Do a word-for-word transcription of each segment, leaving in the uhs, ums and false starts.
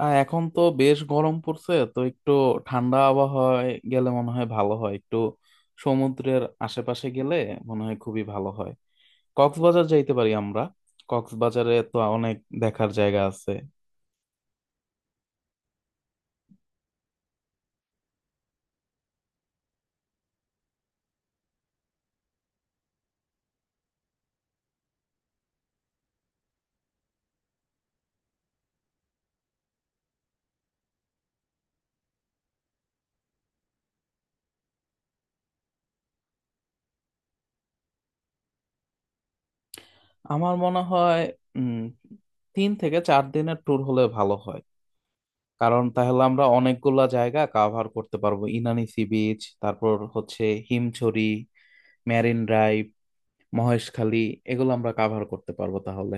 আহ, এখন তো বেশ গরম পড়ছে, তো একটু ঠান্ডা আবহাওয়ায় গেলে মনে হয় ভালো হয়। একটু সমুদ্রের আশেপাশে গেলে মনে হয় খুবই ভালো হয়। কক্সবাজার যাইতে পারি আমরা। কক্সবাজারে তো অনেক দেখার জায়গা আছে। আমার মনে হয় উম তিন থেকে চার দিনের ট্যুর হলে ভালো হয়। কারণ তাহলে আমরা অনেকগুলা জায়গা কাভার করতে পারবো। ইনানি সি বিচ, তারপর হচ্ছে হিমছড়ি, মেরিন ড্রাইভ, মহেশখালী, এগুলো আমরা কাভার করতে পারবো তাহলে।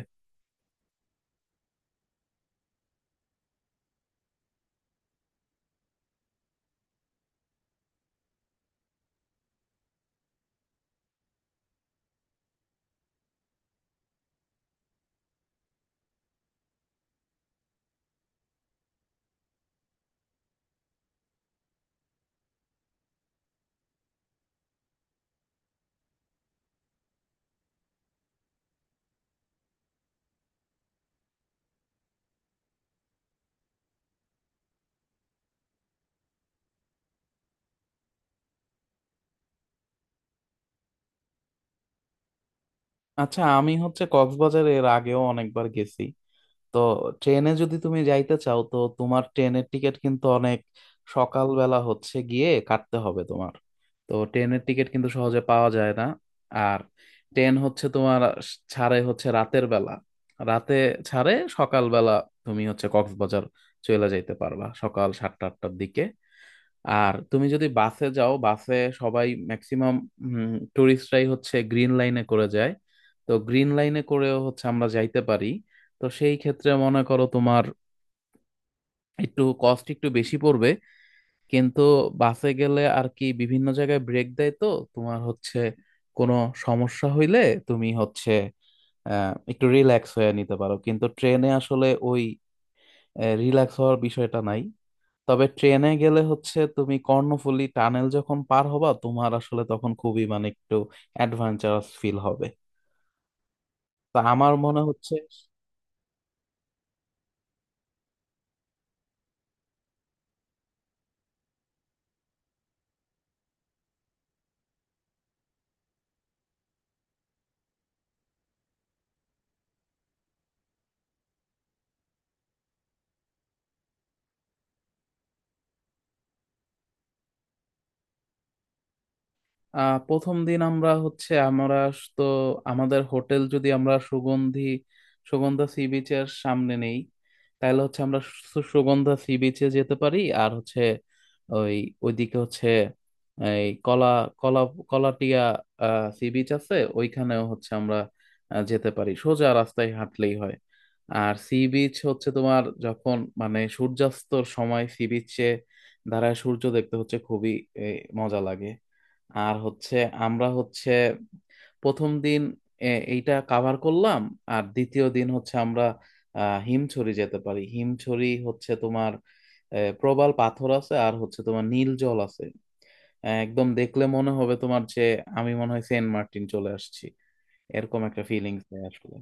আচ্ছা, আমি হচ্ছে কক্সবাজার এর আগেও অনেকবার গেছি। তো ট্রেনে যদি তুমি যাইতে চাও, তো তোমার ট্রেনের টিকিট কিন্তু অনেক সকালবেলা হচ্ছে গিয়ে কাটতে হবে তোমার। তো ট্রেনের টিকিট কিন্তু সহজে পাওয়া যায় না। আর ট্রেন হচ্ছে তোমার ছাড়ে হচ্ছে রাতের বেলা। রাতে ছাড়ে, সকালবেলা তুমি হচ্ছে কক্সবাজার চলে যাইতে পারবা সকাল সাতটা আটটার দিকে। আর তুমি যদি বাসে যাও, বাসে সবাই ম্যাক্সিমাম টুরিস্টরাই হচ্ছে গ্রিন লাইনে করে যায়। তো গ্রিন লাইনে করেও হচ্ছে আমরা যাইতে পারি। তো সেই ক্ষেত্রে মনে করো তোমার একটু কস্ট একটু বেশি পড়বে। কিন্তু বাসে গেলে আর কি বিভিন্ন জায়গায় ব্রেক দেয়, তো তোমার হচ্ছে কোনো সমস্যা হইলে তুমি হচ্ছে আহ, একটু রিল্যাক্স হয়ে নিতে পারো। কিন্তু ট্রেনে আসলে ওই রিল্যাক্স হওয়ার বিষয়টা নাই। তবে ট্রেনে গেলে হচ্ছে তুমি কর্ণফুলী টানেল যখন পার হবা, তোমার আসলে তখন খুবই মানে একটু অ্যাডভেঞ্চারাস ফিল হবে, তা আমার মনে হচ্ছে। আহ প্রথম দিন আমরা হচ্ছে আমরা তো আমাদের হোটেল যদি আমরা সুগন্ধি সুগন্ধা সি বিচের সামনে নেই, তাহলে হচ্ছে আমরা সু- সুগন্ধা সি বিচে যেতে পারি। আর হচ্ছে ওই ওইদিকে হচ্ছে এই কলা কলা কলাটিয়া সি বিচ আছে, ওইখানেও হচ্ছে আমরা আহ, যেতে পারি, সোজা রাস্তায় হাঁটলেই হয়। আর সি বিচ হচ্ছে তোমার যখন মানে সূর্যাস্তর সময় সি বিচে দাঁড়ায় সূর্য দেখতে হচ্ছে খুবই এ, মজা লাগে। আর হচ্ছে আমরা হচ্ছে প্রথম দিন এ, এইটা কাভার করলাম। আর দ্বিতীয় দিন হচ্ছে আমরা আহ, হিমছড়ি যেতে পারি। হিমছড়ি হচ্ছে তোমার এ, প্রবাল পাথর আছে, আর হচ্ছে তোমার নীল জল আছে। আহ, একদম দেখলে মনে হবে তোমার যে আমি মনে হয় সেন্ট মার্টিন চলে আসছি, এরকম একটা ফিলিংস আসলে।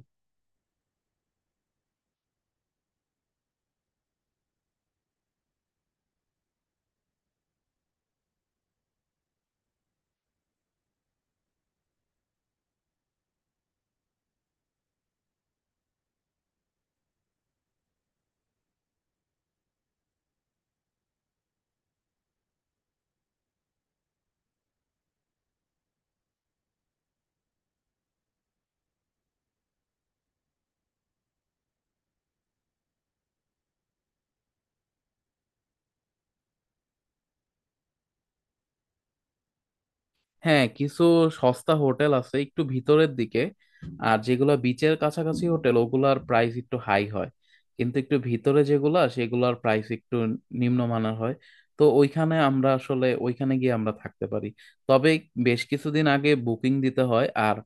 হ্যাঁ, কিছু সস্তা হোটেল আছে একটু ভিতরের দিকে। আর যেগুলো বিচের কাছাকাছি হোটেল ওগুলার প্রাইস একটু হাই হয়, কিন্তু একটু ভিতরে যেগুলা সেগুলার প্রাইস একটু নিম্নমানের হয়। তো ওইখানে আমরা আসলে ওইখানে গিয়ে আমরা থাকতে পারি। তবে বেশ কিছুদিন আগে বুকিং দিতে হয়। আর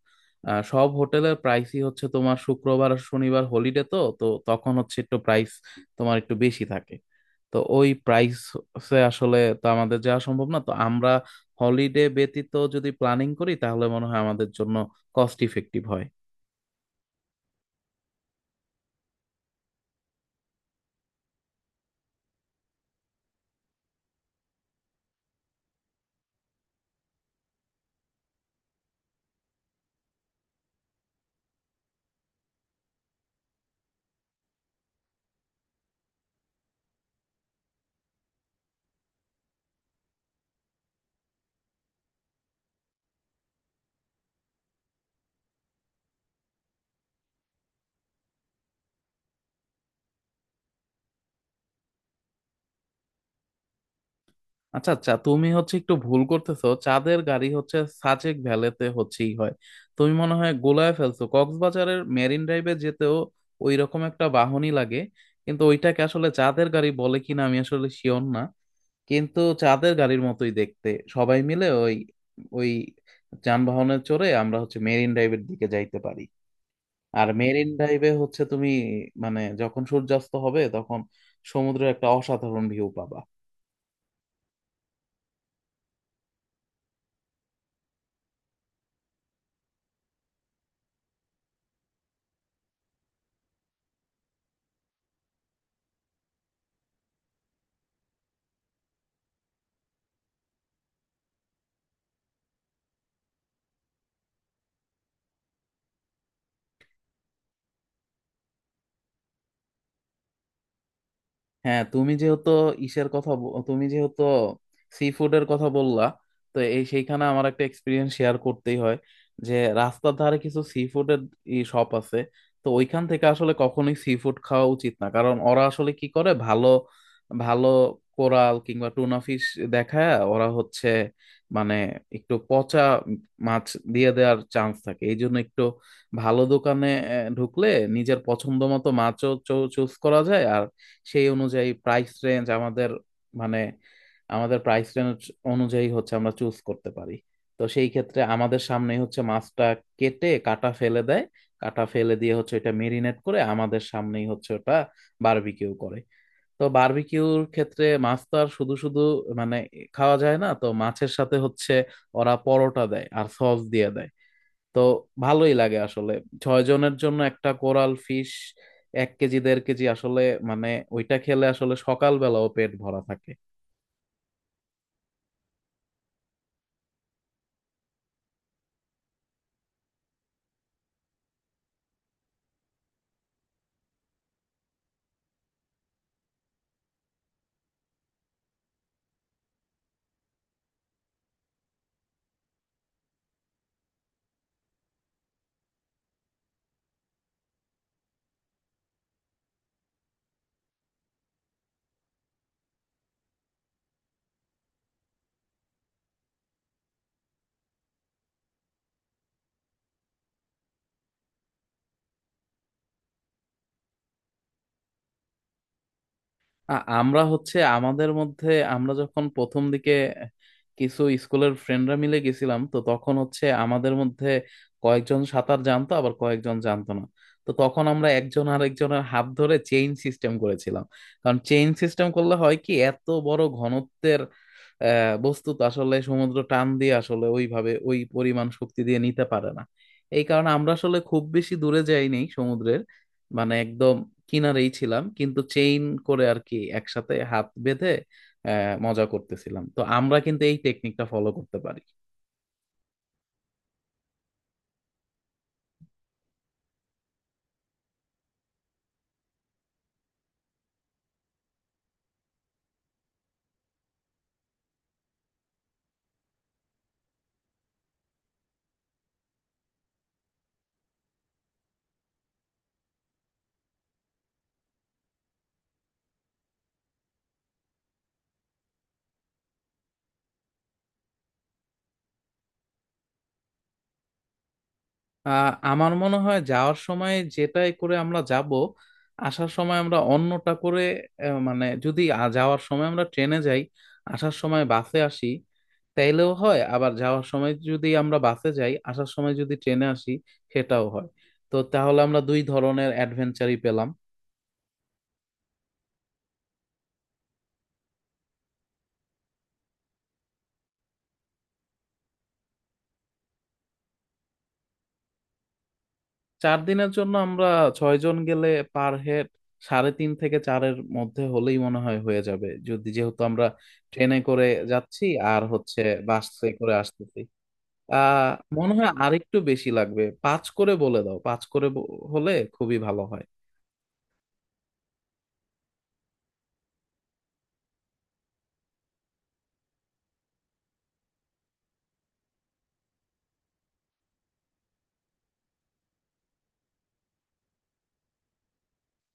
আহ, সব হোটেলের প্রাইসই হচ্ছে তোমার শুক্রবার আর শনিবার হলিডে, তো তো তখন হচ্ছে একটু প্রাইস তোমার একটু বেশি থাকে। তো ওই প্রাইসে আসলে তো আমাদের যাওয়া সম্ভব না। তো আমরা হলিডে ব্যতীত যদি প্ল্যানিং করি, তাহলে মনে হয় আমাদের জন্য কস্ট ইফেক্টিভ হয়। আচ্ছা আচ্ছা, তুমি হচ্ছে একটু ভুল করতেছো। চাঁদের গাড়ি হচ্ছে সাজেক ভ্যালিতে হচ্ছেই হয়। তুমি মনে হয় গোলায় ফেলছো। কক্সবাজারের মেরিন ড্রাইভে যেতেও ওই রকম একটা বাহনই লাগে, কিন্তু ওইটাকে আসলে চাঁদের গাড়ি বলে কিনা আমি আসলে শিওর না। কিন্তু চাঁদের গাড়ির মতোই দেখতে। সবাই মিলে ওই ওই যানবাহনে চড়ে আমরা হচ্ছে মেরিন ড্রাইভের দিকে যাইতে পারি। আর মেরিন ড্রাইভে হচ্ছে তুমি মানে যখন সূর্যাস্ত হবে তখন সমুদ্রের একটা অসাধারণ ভিউ পাবা। হ্যাঁ তুমি যেহেতু ইসের কথা ব- তুমি যেহেতু সি ফুডের কথা বললা, তো এই সেইখানে আমার একটা এক্সপিরিয়েন্স শেয়ার করতেই হয়। যে রাস্তার ধারে কিছু সি ফুডের শপ আছে, তো ওইখান থেকে আসলে কখনোই সি ফুড খাওয়া উচিত না। কারণ ওরা আসলে কি করে ভালো ভালো কোরাল কিংবা টুনা ফিশ দেখায়, ওরা হচ্ছে মানে একটু পচা মাছ দিয়ে দেওয়ার চান্স থাকে। এই জন্য একটু ভালো দোকানে আহ, ঢুকলে নিজের পছন্দ মতো মাছও চুজ করা যায়। আর সেই অনুযায়ী প্রাইস রেঞ্জ আমাদের মানে আমাদের প্রাইস রেঞ্জ অনুযায়ী হচ্ছে আমরা চুজ করতে পারি। তো সেই ক্ষেত্রে আমাদের সামনেই হচ্ছে মাছটা কেটে কাটা ফেলে দেয়, কাটা ফেলে দিয়ে হচ্ছে এটা মেরিনেট করে আমাদের সামনেই হচ্ছে ওটা বারবিকিউ করে। তো বারবিকিউর ক্ষেত্রে মাছ তো আর শুধু শুধু মানে খাওয়া যায় না, তো মাছের সাথে হচ্ছে ওরা পরোটা দেয় আর সস দিয়ে দেয়। তো ভালোই লাগে আসলে। ছয় জনের জন্য একটা কোরাল ফিশ, এক কেজি দেড় কেজি আসলে মানে ওইটা খেলে আসলে সকালবেলাও পেট ভরা থাকে। আ- আমরা হচ্ছে আমাদের মধ্যে আমরা যখন প্রথম দিকে কিছু স্কুলের ফ্রেন্ডরা মিলে গেছিলাম, তো তখন হচ্ছে আমাদের মধ্যে কয়েকজন সাঁতার জানতো আবার কয়েকজন জানতো না। তো তখন আমরা একজন আর একজনের হাত ধরে চেইন সিস্টেম করেছিলাম। কারণ চেইন সিস্টেম করলে হয় কি, এত বড় ঘনত্বের আহ বস্তু তো আসলে সমুদ্র টান দিয়ে আসলে ওইভাবে ওই পরিমাণ শক্তি দিয়ে নিতে পারে না। এই কারণে আমরা আসলে খুব বেশি দূরে যাইনি সমুদ্রের, মানে একদম কিনারেই ছিলাম, কিন্তু চেইন করে আর কি একসাথে হাত বেঁধে আহ, মজা করতেছিলাম। তো আমরা কিন্তু এই টেকনিকটা ফলো করতে পারি। আহ, আমার মনে হয় যাওয়ার সময় যেটাই করে আমরা যাব, আসার সময় আমরা অন্যটা করে আহ, মানে যদি আ- যাওয়ার সময় আমরা ট্রেনে যাই আসার সময় বাসে আসি তাইলেও হয়, আবার যাওয়ার সময় যদি আমরা বাসে যাই আসার সময় যদি ট্রেনে আসি সেটাও হয়। তো তাহলে আমরা দুই ধরনের অ্যাডভেঞ্চারই পেলাম। চার দিনের জন্য আমরা ছয়জন গেলে পার হেড সাড়ে তিন থেকে চারের মধ্যে হলেই মনে হয় হয়ে যাবে, যদি যেহেতু আমরা ট্রেনে করে যাচ্ছি আর হচ্ছে বাসে করে আসতেছি। আহ মনে হয় আরেকটু বেশি লাগবে, পাঁচ করে বলে দাও। পাঁচ করে ব- হলে খুবই ভালো হয়।